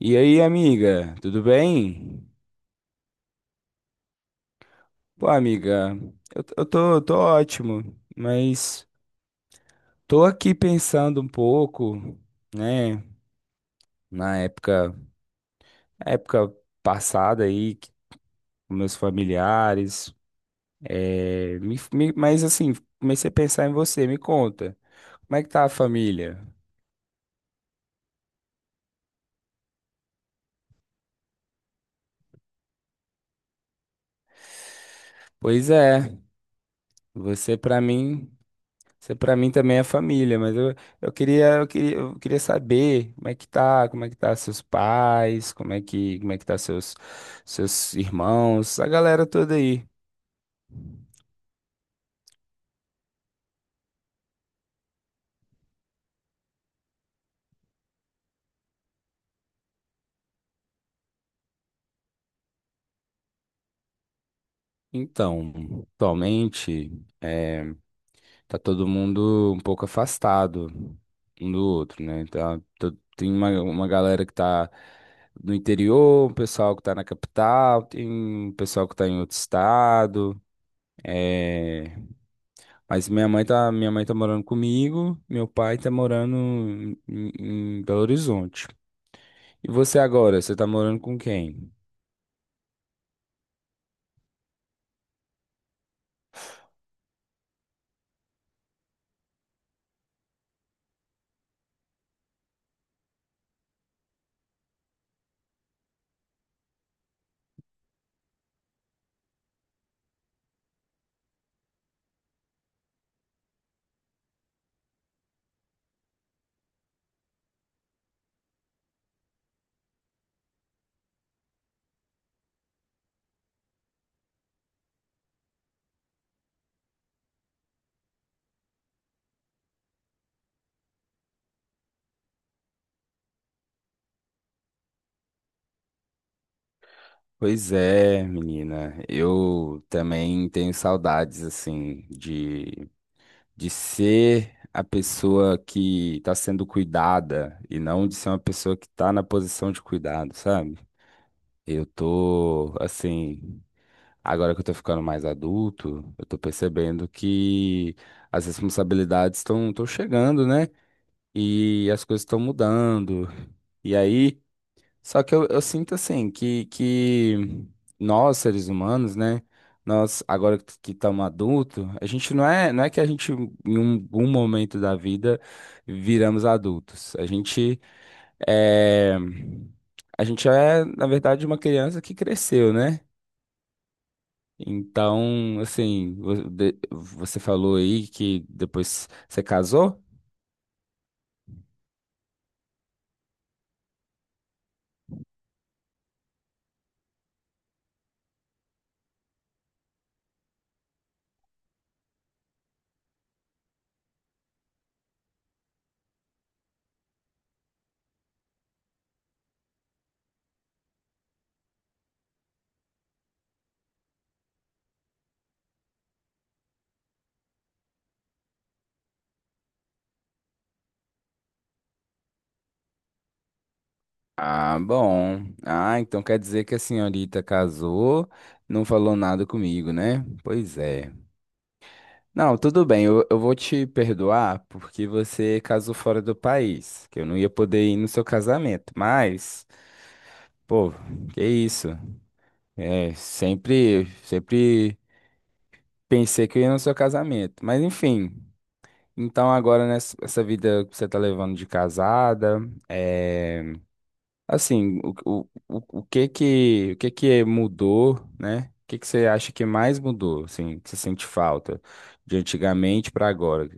E aí, amiga, tudo bem? Pô, amiga, eu tô ótimo, mas tô aqui pensando um pouco, né, na época passada aí, com meus familiares, mas assim, comecei a pensar em você, me conta, como é que tá a família? Pois é, você pra mim. Isso para mim também é família, mas eu queria saber como é que tá, como é que tá seus pais, como é que tá seus, seus irmãos, a galera toda aí. Então, atualmente, eh, tá todo mundo um pouco afastado um do outro, né? Tem uma galera que tá no interior, um pessoal que tá na capital, tem um pessoal que tá em outro estado. Mas minha mãe tá morando comigo, meu pai tá morando em Belo Horizonte. E você agora, você tá morando com quem? Pois é, menina, eu também tenho saudades, assim, de ser a pessoa que tá sendo cuidada e não de ser uma pessoa que tá na posição de cuidado, sabe? Eu tô, assim, agora que eu tô ficando mais adulto, eu tô percebendo que as responsabilidades estão chegando, né? E as coisas estão mudando. E aí, só que eu sinto assim que nós, seres humanos, né? Nós, agora que estamos adultos, a gente não é, não é que a gente, em um momento da vida, viramos adultos. É, a gente é, na verdade, uma criança que cresceu, né? Então, assim, você falou aí que depois você casou? Ah, bom. Ah, então quer dizer que a senhorita casou, não falou nada comigo, né? Pois é. Não, tudo bem, eu vou te perdoar porque você casou fora do país, que eu não ia poder ir no seu casamento, mas, pô, que isso, é, sempre pensei que eu ia no seu casamento, mas enfim, então agora nessa essa vida que você tá levando de casada, é, assim, o que que mudou, né? O que que você acha que mais mudou, assim, que você sente falta de antigamente pra agora?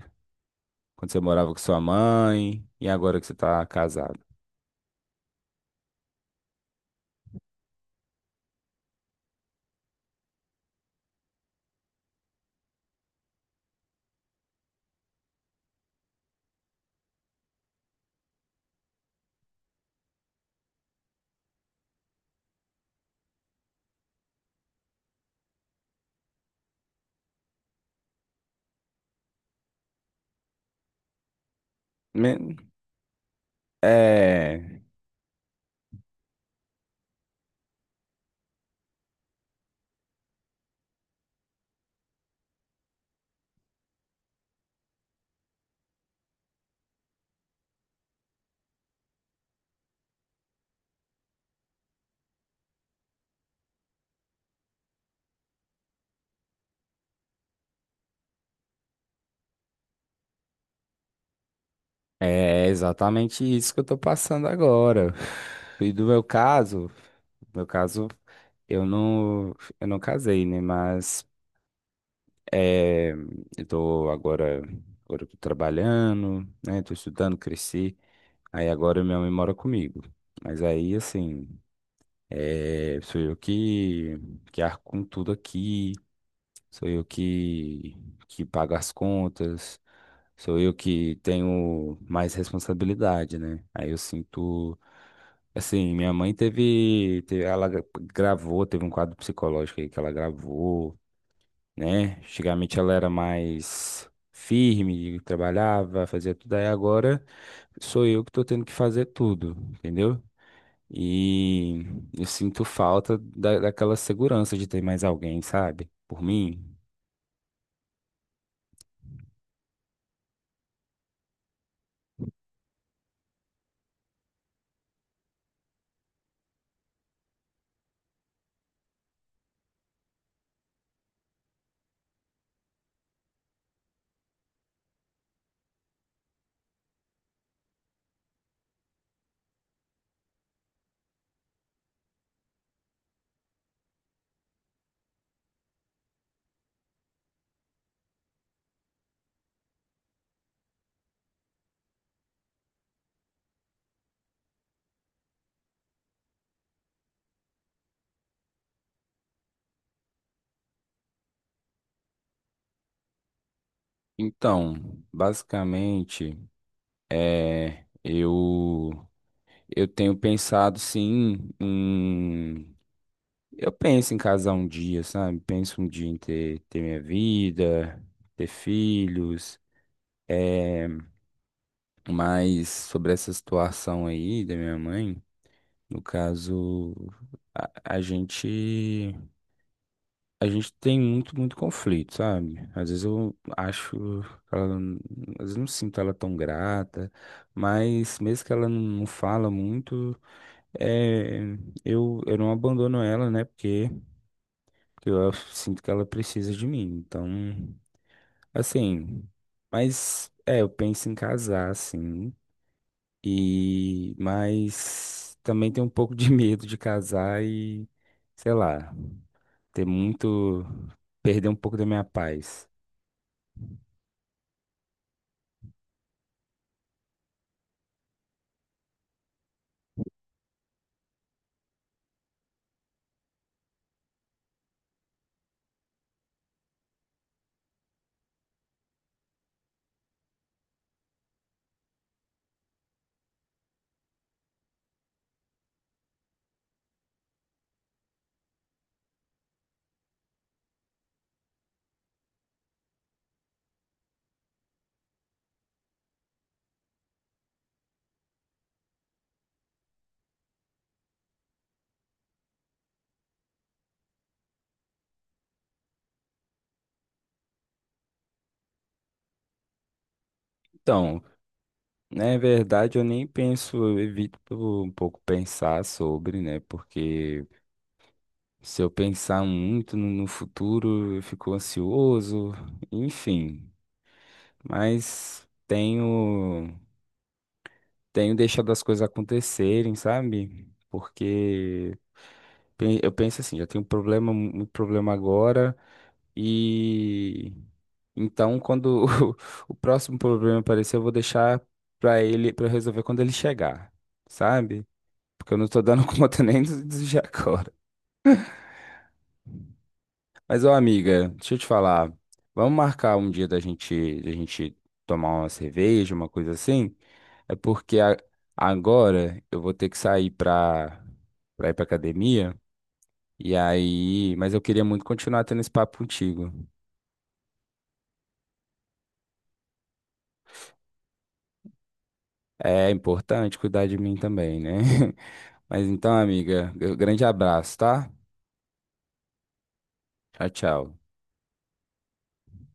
Quando você morava com sua mãe e agora que você tá casado. Me- É, é exatamente isso que eu tô passando agora. E do meu caso, eu não, eu não casei, né? Mas é, eu tô agora, agora eu tô trabalhando, né? Tô estudando, cresci. Aí agora minha mãe mora comigo. Mas aí, assim, é, sou que arco com tudo aqui. Sou que pago as contas, sou eu que tenho mais responsabilidade, né? Aí eu sinto. Assim, minha mãe teve, te- Ela gra- gravou, teve um quadro psicológico aí que ela gravou, né? Antigamente ela era mais firme, trabalhava, fazia tudo. Aí agora sou eu que tô tendo que fazer tudo, entendeu? E eu sinto falta da, daquela segurança de ter mais alguém, sabe? Por mim. Então, basicamente, é, eu tenho pensado sim em eu penso em casar um dia, sabe? Penso um dia em ter minha vida, ter filhos, é, mas sobre essa situação aí da minha mãe, no caso, a, a gente a gente tem muito conflito, sabe? Às vezes eu acho que ela, n- às vezes não sinto ela tão grata, mas mesmo que ela não fala muito, é, eu não abandono ela, né? Porque eu sinto que ela precisa de mim. Então, assim, mas é, eu penso em casar, sim. E, mas também tenho um pouco de medo de casar e, sei lá, ter muito, perder um pouco da minha paz. Então, na verdade, eu nem penso, eu evito um pouco pensar sobre, né? Porque se eu pensar muito no, no futuro, eu fico ansioso, enfim. Mas tenho, tenho deixado as coisas acontecerem, sabe? Eu penso assim, já tenho um problema, um problema agora e então quando o, o próximo problema aparecer, eu vou deixar pra ele para resolver quando ele chegar, sabe? Porque eu não tô dando conta nem dos de agora. Mas, ô amiga, deixa eu te falar. Vamos marcar um dia da gente tomar uma cerveja, uma coisa assim? É porque agora eu vou ter que sair pra, pra ir pra academia. E aí, mas eu queria muito continuar tendo esse papo contigo. É importante cuidar de mim também, né? Mas então, amiga, grande abraço, tá? Tchau, tchau.